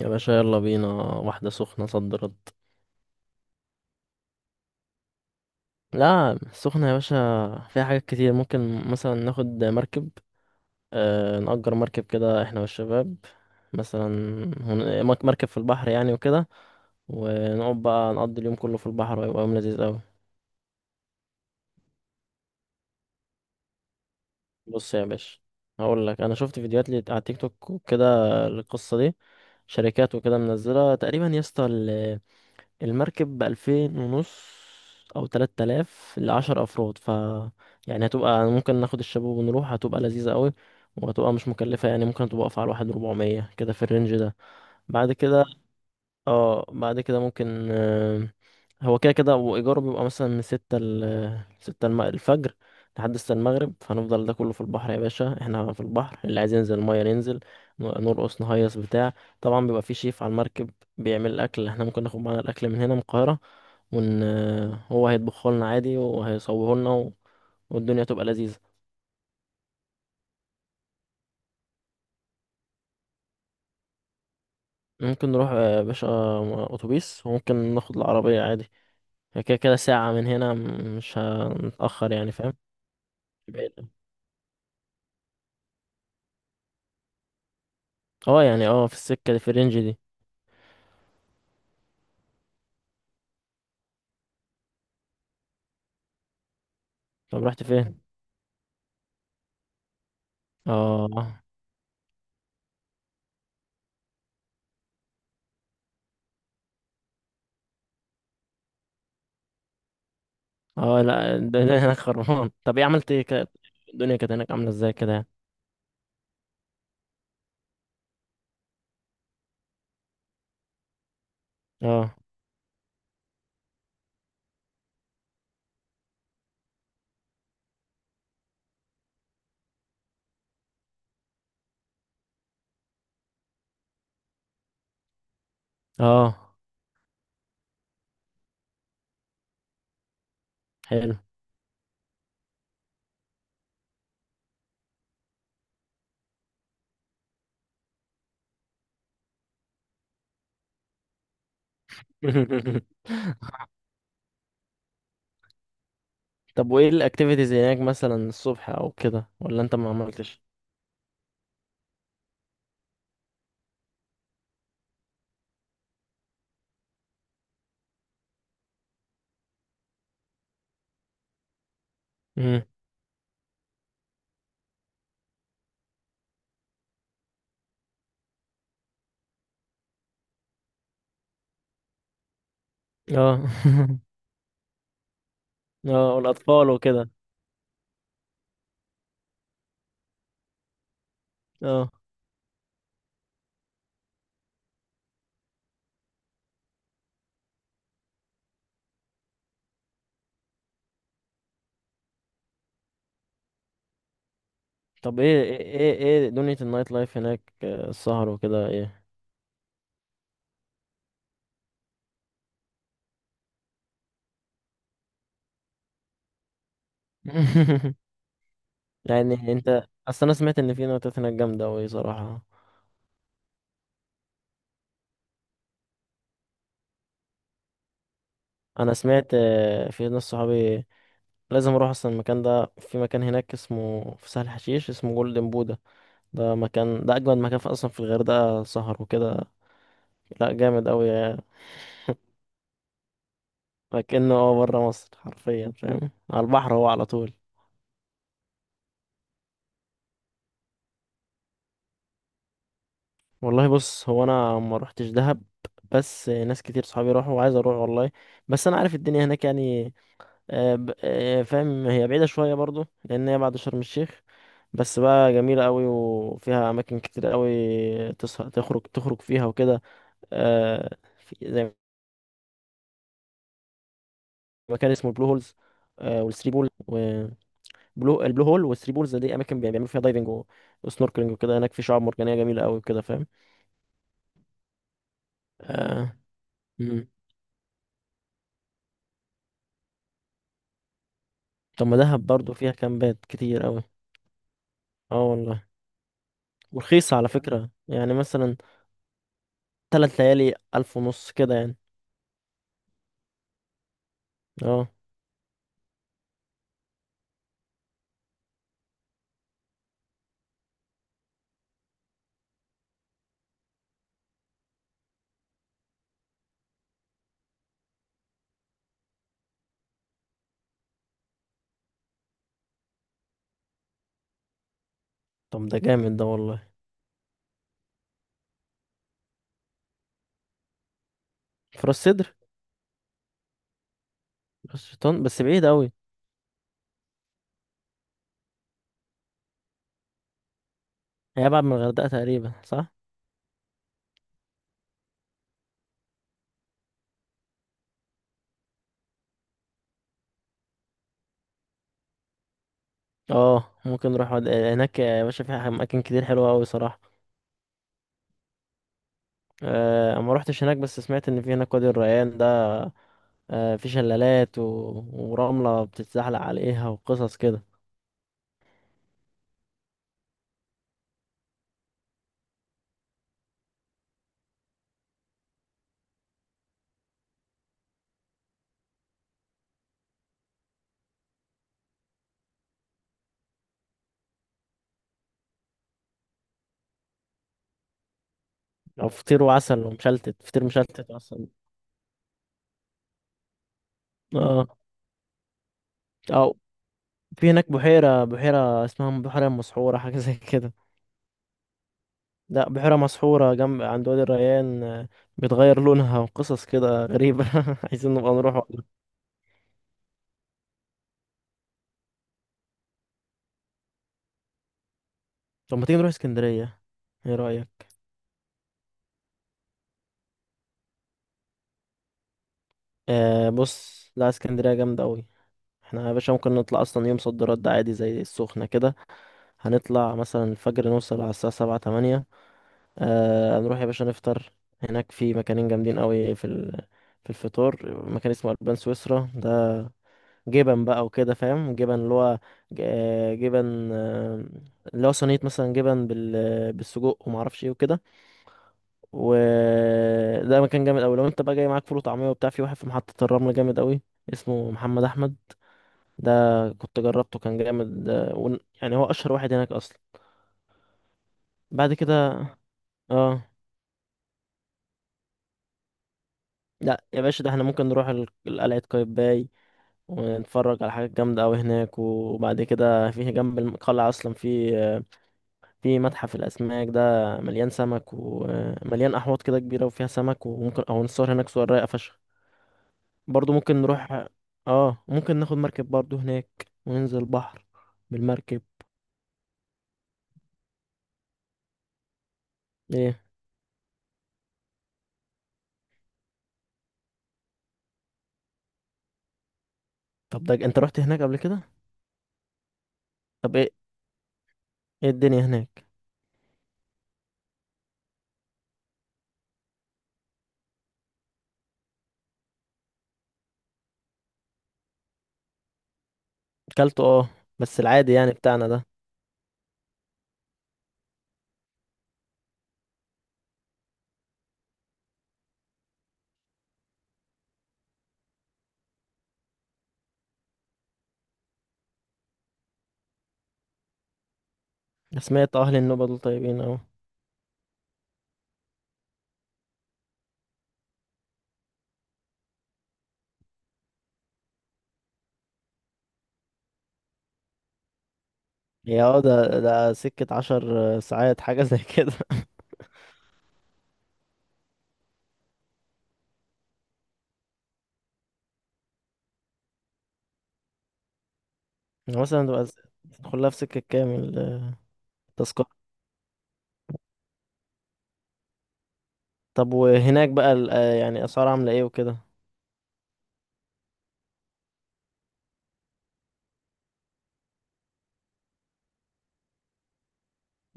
يا باشا، يلا بينا واحدة سخنة صد رد. لا، سخنة يا باشا. فيها حاجات كتير، ممكن مثلا ناخد مركب. نأجر مركب كده احنا والشباب، مثلا. مركب في البحر يعني، وكده. ونقعد بقى نقضي اليوم كله في البحر، ويبقى يوم لذيذ قوي. بص يا باشا، هقول لك، انا شفت فيديوهات لي على تيك توك وكده. القصة دي شركات وكده منزلة تقريبا يا اسطى، المركب 2500 أو 3000 لـ10 أفراد يعني هتبقى ممكن ناخد الشباب ونروح، هتبقى لذيذة قوي. وهتبقى مش مكلفة، يعني ممكن تبقى واقفة على واحد ربعمية كده في الرينج ده. بعد كده اه بعد كده ممكن، هو كده كده، وإيجاره بيبقى مثلا من 6 ل 6 الفجر لحد 6 المغرب. فهنفضل ده كله في البحر يا باشا، احنا في البحر، اللي عايز ينزل المية ننزل، نرقص نهيص بتاع. طبعا بيبقى في شيف على المركب بيعمل الأكل، احنا ممكن ناخد معانا الأكل من هنا من القاهرة ون هو هيطبخه لنا عادي وهيصوره لنا والدنيا تبقى لذيذة. ممكن نروح يا باشا أتوبيس، وممكن ناخد العربية عادي. هي كده كده ساعة من هنا، مش هنتأخر يعني، فاهم. بعيد. اه، يعني في السكة اللي في الرينج دي. طب رحت فين؟ اه. اه لا، الدنيا هناك خربان. طب ايه عملت ايه كده؟ الدنيا كانت هناك عاملة ازاي كده يعني؟ اه، اه، حلو. طب وايه الاكتيفيتيز هناك مثلا الصبح او كده، ولا انت ما عملتش؟ امم. اه. اه، والاطفال وكده. اه، طب ايه ايه ايه إيه دنيا النايت لايف هناك، السهر وكده ايه؟ يعني انت اصل انا سمعت ان في نايتات هناك جامدة اوي صراحة. انا سمعت، في ناس صحابي، لازم اروح اصلا المكان ده. في مكان هناك اسمه في سهل حشيش اسمه جولدن بودا، ده اجمد مكان في اصلا في الغردقه، سهر وكده. لا، جامد قوي. لكنه هو بره مصر حرفيا، فاهم، على البحر هو على طول. والله بص، هو انا ما روحتش دهب، بس ناس كتير صحابي راحوا وعايز اروح والله. بس انا عارف الدنيا هناك يعني، فاهم، هي بعيدة شوية برضو لأن هي بعد شرم الشيخ. بس بقى جميلة قوي، وفيها أماكن كتير قوي تسهر تخرج، فيها وكده. آه، في زي مكان اسمه البلو هولز، والثري بول وبلو، البلو هول والثري بولز دي أماكن بيعملوا فيها دايفنج وسنوركلينج وكده، هناك في شعاب مرجانية جميلة قوي وكده، فاهم. آه، مم. طب ما دهب برضو فيها كامبات كتير قوي. اه والله. ورخيصة على فكرة، يعني مثلا 3 ليالي 1500 كده يعني. اه. طب ده جامد ده، والله. فراس سدر، راس شيطان بس بعيد قوي. هي ابعد من الغردقه تقريبا، صح. اه، ممكن نروح هناك يا باشا، في اماكن كتير حلوه قوي صراحه. آه، ما روحتش هناك، بس سمعت ان في هناك وادي الريان ده، آه، في شلالات ورمله بتتزحلق عليها وقصص كده. او فطير وعسل ومشلتت، فطير مشلتت اصلا. اه. او، في هناك بحيره اسمها بحيره مسحوره حاجه زي كده. لا، بحيره مسحوره جنب عند وادي الريان، بتغير لونها وقصص كده غريبة. عايزين نبقى نروح. طب ما تيجي نروح اسكندرية، ايه رأيك؟ آه بص، لا اسكندرية جامدة أوي. احنا يا باشا ممكن نطلع أصلا يوم صد رد عادي زي السخنة كده، هنطلع مثلا الفجر نوصل على الساعة 7 أو 8. آه، نروح يا باشا نفطر، هناك في مكانين جامدين أوي في الفطور مكان اسمه ألبان سويسرا ده، جبن بقى وكده، فاهم، جبن اللي هو جبن، اللي هو صينية مثلا جبن بالسجق ومعرفش ايه وكده. وده مكان جامد قوي. لو انت بقى جاي معاك فول وطعميه وبتاع، في واحد في محطه الرمل جامد قوي اسمه محمد احمد ده، كنت جربته كان جامد ده، يعني هو اشهر واحد هناك اصلا. بعد كده، اه، لا يا باشا، ده احنا ممكن نروح قلعه قايتباي ونتفرج على حاجات جامده قوي هناك، وبعد كده في جنب القلعه اصلا في، في متحف الاسماك ده مليان سمك ومليان احواض كده كبيره وفيها سمك، وممكن او نصور هناك صور رايقه فشخ. برضو ممكن نروح، اه، ممكن ناخد مركب برضو هناك وننزل البحر بالمركب. ايه؟ طب ده انت رحت هناك قبل كده؟ طب، ايه الدنيا هناك؟ اكلته، اه، بس العادي يعني بتاعنا ده. سمعت اهل النوبة دول طيبين اوي. هي اه، ده سكة 10 ساعات، حاجة زي كده. يعني مثلا تبقى تدخلها في سكة كامل، التذكرة. طب وهناك بقى يعني اسعار عاملة ايه وكده؟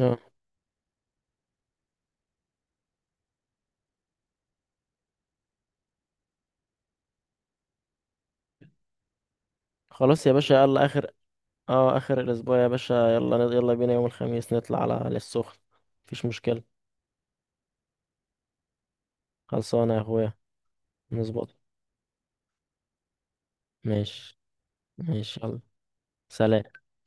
اه، خلاص يا باشا، يلا اخر. اه، اخر الاسبوع يا باشا، يلا يلا بينا يوم الخميس نطلع على السخن. مفيش مشكلة. خلصانة يا اخويا. نظبط. ماشي. ماشي يلا. سلام.